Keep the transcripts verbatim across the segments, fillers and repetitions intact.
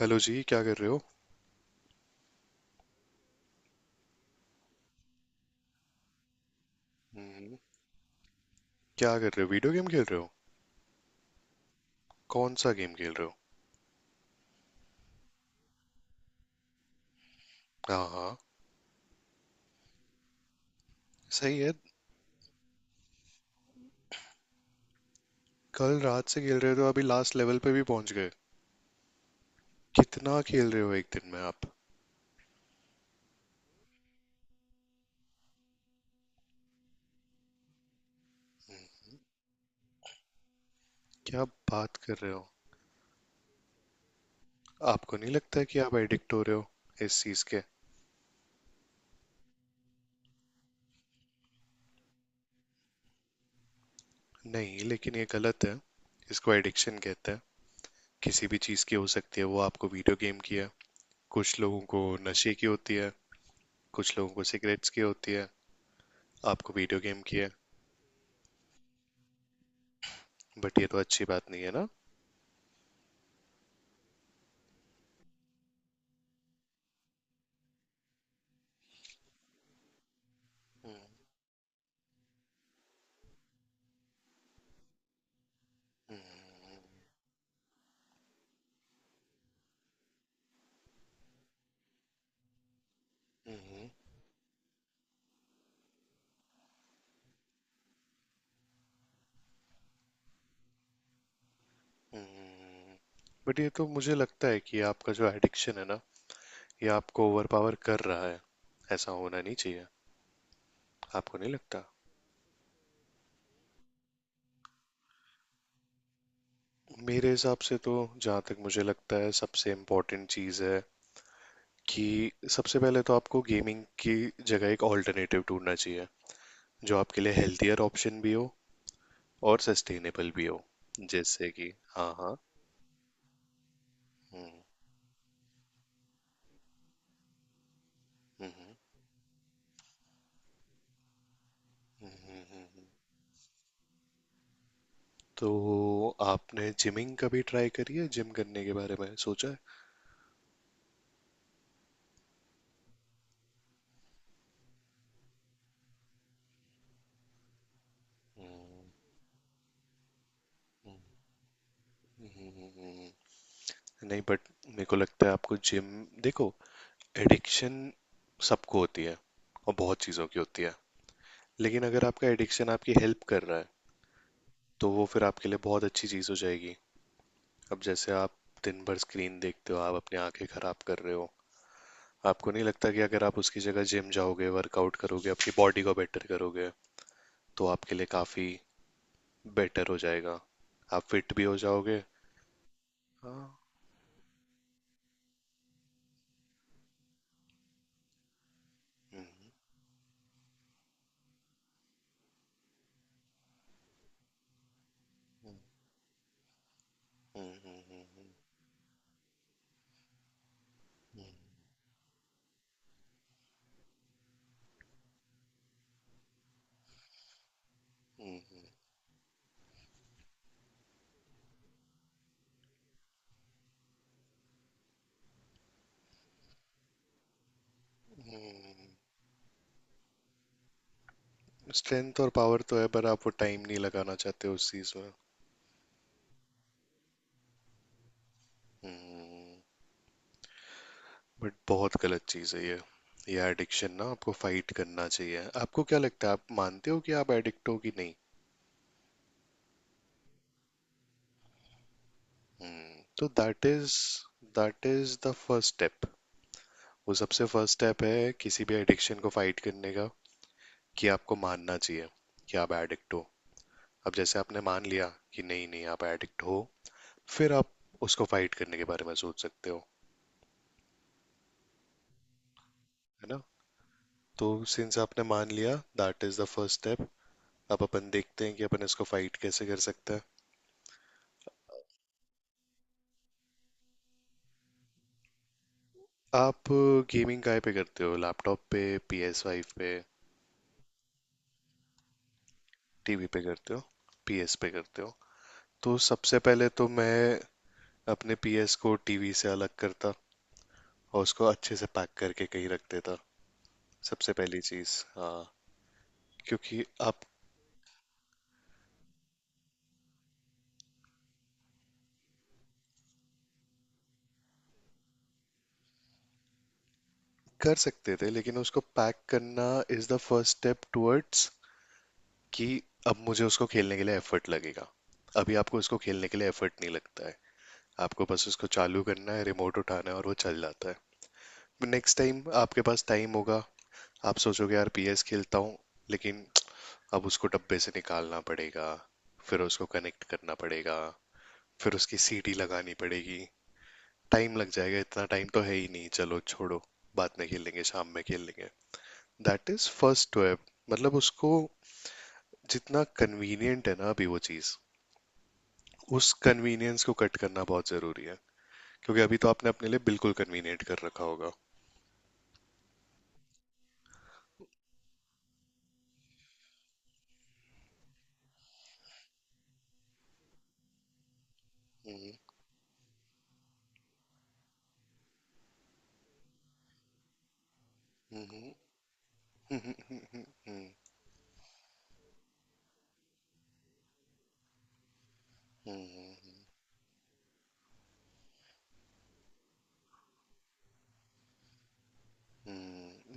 Hello जी, क्या कर रहे हो? हम्म। क्या कर रहे हो, वीडियो गेम खेल रहे हो? कौन सा गेम खेल रहे हो? हाँ हाँ। सही है। कल रात से खेल रहे हो तो अभी लास्ट लेवल पे भी पहुंच गए। कितना खेल रहे हो एक दिन में आप? क्या बात कर रहे हो? आपको नहीं लगता है कि आप एडिक्ट हो रहे हो इस चीज के? नहीं, लेकिन ये गलत है। इसको एडिक्शन कहते हैं। किसी भी चीज की हो सकती है, वो आपको वीडियो गेम की है। कुछ लोगों को नशे की होती है, कुछ लोगों को सिगरेट्स की होती है, आपको वीडियो गेम की है। बट ये तो अच्छी बात नहीं है ना। हम्म। हम्म। हम्म हम्म। बट ये तो मुझे लगता है कि आपका जो एडिक्शन है ना, ये आपको ओवरपावर कर रहा है। ऐसा होना नहीं चाहिए। आपको नहीं लगता? मेरे हिसाब से तो जहाँ तक मुझे लगता है, सबसे इम्पोर्टेंट चीज़ है कि सबसे पहले तो आपको गेमिंग की जगह एक ऑल्टरनेटिव ढूंढना चाहिए, जो आपके लिए हेल्थियर ऑप्शन भी हो और सस्टेनेबल भी हो। जैसे कि, हाँ हाँ। हम्म। तो आपने जिमिंग कभी ट्राई करी है, जिम करने के बारे में सोचा है? हम्म, नहीं, बट मेरे को लगता है आपको जिम... देखो, एडिक्शन सबको होती है और बहुत चीज़ों की होती है, लेकिन अगर आपका एडिक्शन आपकी हेल्प कर रहा है, तो वो फिर आपके लिए बहुत अच्छी चीज़ हो जाएगी। अब जैसे आप दिन भर स्क्रीन देखते हो, आप अपनी आंखें खराब कर रहे हो। आपको नहीं लगता कि अगर आप उसकी जगह जिम जाओगे, वर्कआउट करोगे, अपनी बॉडी को बेटर करोगे, तो आपके लिए काफ़ी बेटर हो जाएगा? आप फिट भी हो जाओगे। हाँ। स्ट्रेंथ और पावर तो है, पर आप वो टाइम नहीं लगाना चाहते उस चीज़ में। हम्म। बट बहुत गलत चीज़ है ये। ये एडिक्शन ना, आपको फाइट करना चाहिए। आपको क्या लगता है, आप मानते हो कि आप एडिक्ट हो कि नहीं? हम्म तो that is that is the first step. वो सबसे फर्स्ट स्टेप है किसी भी एडिक्शन को फाइट करने का, कि आपको मानना चाहिए कि आप एडिक्ट हो। अब जैसे आपने मान लिया कि नहीं नहीं, आप एडिक्ट हो, फिर आप उसको फाइट करने के बारे में सोच सकते हो। है ना? तो सिंस आपने मान लिया, that is the first step. अब अपन देखते हैं कि अपन इसको फाइट कैसे कर सकते हैं। आप गेमिंग काय पे करते हो? लैपटॉप पे? पी एस फाइव पे? टीवी पे करते हो? पी एस पे करते हो? तो सबसे पहले तो मैं अपने पी एस को टीवी से अलग करता, और उसको अच्छे से पैक करके कहीं रख देता। सबसे पहली चीज़, हाँ। क्योंकि आप... कर सकते थे, लेकिन उसको पैक करना is the first step towards, कि अब मुझे उसको खेलने के लिए एफर्ट लगेगा। अभी आपको उसको खेलने के लिए एफर्ट नहीं लगता है। आपको बस उसको चालू करना है, रिमोट उठाना है और वो चल जाता है। नेक्स्ट टाइम आपके पास टाइम होगा, आप सोचोगे यार पीएस खेलता हूँ, लेकिन अब उसको डब्बे से निकालना पड़ेगा, फिर उसको कनेक्ट करना पड़ेगा, फिर उसकी सीटी लगानी पड़ेगी, टाइम लग जाएगा, इतना टाइम तो है ही नहीं, चलो छोड़ो, बाद में खेल लेंगे, शाम में खेल लेंगे। That is first web. मतलब उसको जितना कन्वीनियंट है ना अभी वो चीज़, उस कन्वीनियंस को कट करना बहुत जरूरी है। क्योंकि अभी तो आपने अपने लिए बिल्कुल कन्वीनियंट कर रखा होगा। हम्म हम्म। हम्म हम्म। हम्म, हम्म।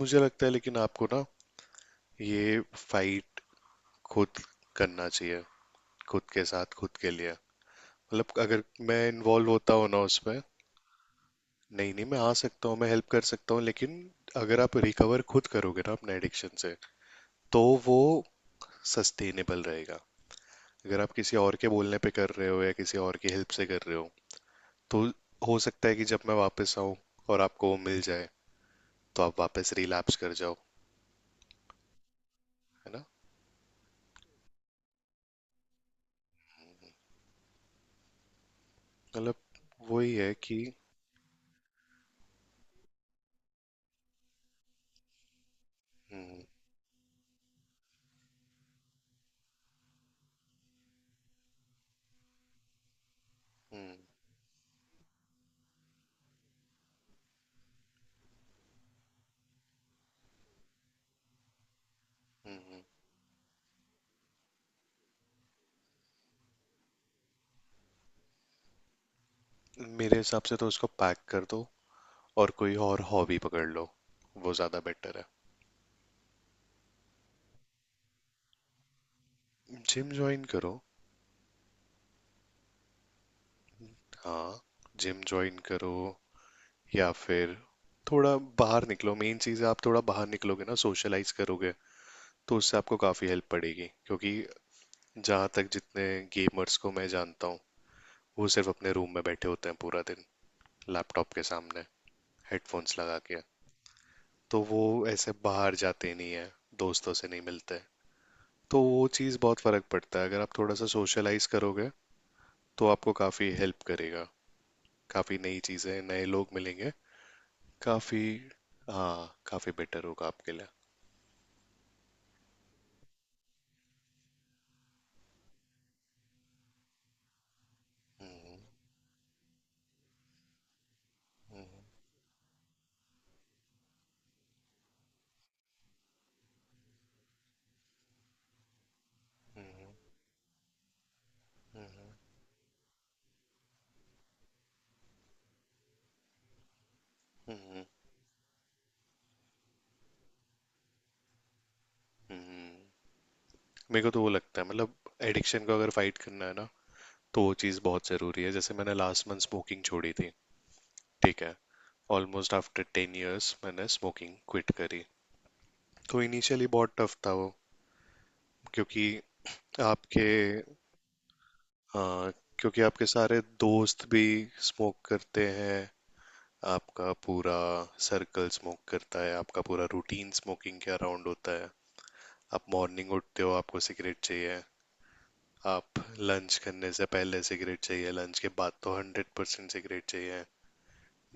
मुझे लगता है, लेकिन आपको ना ये फाइट खुद करना चाहिए, खुद के साथ खुद के लिए। मतलब अगर मैं इन्वॉल्व होता हूँ ना उसमें... नहीं नहीं, मैं आ सकता हूँ, मैं हेल्प कर सकता हूँ, लेकिन अगर आप रिकवर खुद करोगे ना अपने एडिक्शन से, तो वो सस्टेनेबल रहेगा। अगर आप किसी और के बोलने पे कर रहे हो या किसी और की हेल्प से कर रहे हो, तो हो सकता है कि जब मैं वापस आऊँ और आपको वो मिल जाए, तो आप वापस रिलैप्स कर जाओ। है ना? मतलब वही है कि... हम्म हम्म। हम्म हम्म। मेरे हिसाब से तो उसको पैक कर दो और कोई और हॉबी पकड़ लो, वो ज़्यादा बेटर है। जिम ज्वाइन करो। हाँ, जिम ज्वाइन करो, या फिर थोड़ा बाहर निकलो। मेन चीज़ है, आप थोड़ा बाहर निकलोगे ना, सोशलाइज करोगे, तो उससे आपको काफ़ी हेल्प पड़ेगी। क्योंकि जहाँ तक जितने गेमर्स को मैं जानता हूँ, वो सिर्फ अपने रूम में बैठे होते हैं पूरा दिन, लैपटॉप के सामने, हेडफोन्स लगा के। तो वो ऐसे बाहर जाते नहीं है, दोस्तों से नहीं मिलते। तो वो चीज़, बहुत फ़र्क पड़ता है अगर आप थोड़ा सा सोशलाइज करोगे, तो आपको काफ़ी हेल्प करेगा। काफ़ी नई चीज़ें, नए लोग मिलेंगे। काफ़ी... हाँ, काफ़ी बेटर होगा आपके लिए। हम्म, मेरे को तो वो लगता है, मतलब एडिक्शन को अगर फाइट करना है ना, तो वो चीज़ बहुत ज़रूरी है। जैसे मैंने लास्ट मंथ स्मोकिंग छोड़ी थी, ठीक है। ऑलमोस्ट आफ्टर टेन इयर्स मैंने स्मोकिंग क्विट करी। तो इनिशियली बहुत टफ था वो, क्योंकि आपके... हाँ, क्योंकि आपके सारे दोस्त भी स्मोक करते हैं, आपका पूरा सर्कल स्मोक करता है, आपका पूरा रूटीन स्मोकिंग के अराउंड होता है। आप मॉर्निंग उठते हो आपको सिगरेट चाहिए, आप लंच करने से पहले सिगरेट चाहिए, लंच के बाद तो हंड्रेड परसेंट सिगरेट चाहिए,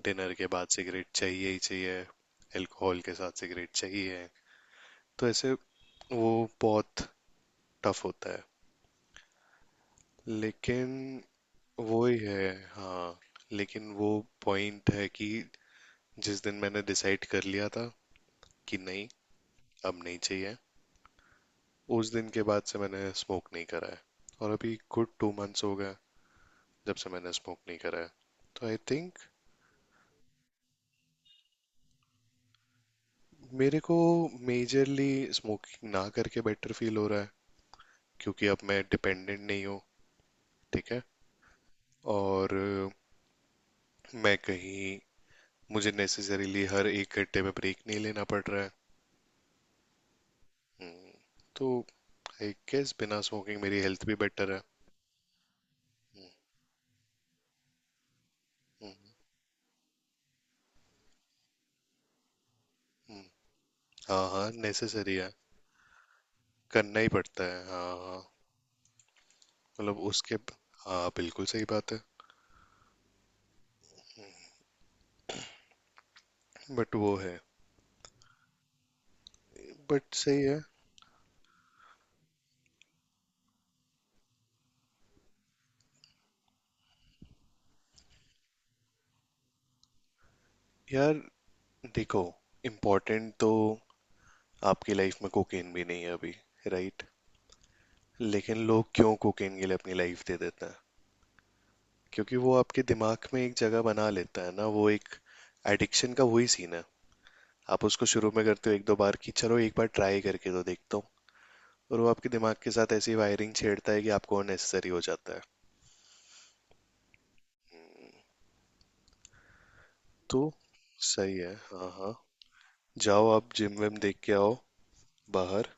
डिनर के बाद सिगरेट चाहिए ही चाहिए, अल्कोहल के साथ सिगरेट चाहिए। तो ऐसे वो बहुत टफ होता है। लेकिन वो ही है, हाँ। लेकिन वो पॉइंट है कि जिस दिन मैंने डिसाइड कर लिया था कि नहीं, अब नहीं चाहिए, उस दिन के बाद से मैंने स्मोक नहीं करा है, और अभी गुड टू मंथ्स हो गए जब से मैंने स्मोक नहीं करा है। तो आई थिंक मेरे को मेजरली स्मोकिंग ना करके बेटर फील हो रहा है, क्योंकि अब मैं डिपेंडेंट नहीं हूँ। ठीक है। और अ, मैं कहीं... मुझे नेसेसरीली हर एक घंटे में ब्रेक नहीं लेना पड़ रहा है। हम्म, तो आई गेस बिना स्मोकिंग मेरी हेल्थ भी बेटर है। हम्म। हम्म। हाँ हाँ, नेसेसरी है। करना ही पड़ता है, हाँ हाँ। मतलब उसके... हाँ, बिल्कुल सही बात है। बट वो है। बट सही है। यार देखो, इम्पोर्टेंट तो आपकी लाइफ में कोकेन भी नहीं है अभी, राइट? लेकिन लोग क्यों कोकेन के लिए अपनी लाइफ दे देते हैं? क्योंकि वो आपके दिमाग में एक जगह बना लेता है ना, वो एक... एडिक्शन का वही सीन है। आप उसको शुरू में करते हो एक दो बार कि चलो एक बार ट्राई करके तो देखता हूँ, और वो आपके दिमाग के साथ ऐसी वायरिंग छेड़ता है कि आपको अननेसेसरी हो जाता है। तो सही है, हाँ हाँ। जाओ आप जिम विम देख के आओ, बाहर।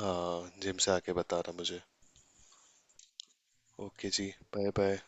हाँ, जिम से आके बताना मुझे। ओके जी। Bye bye.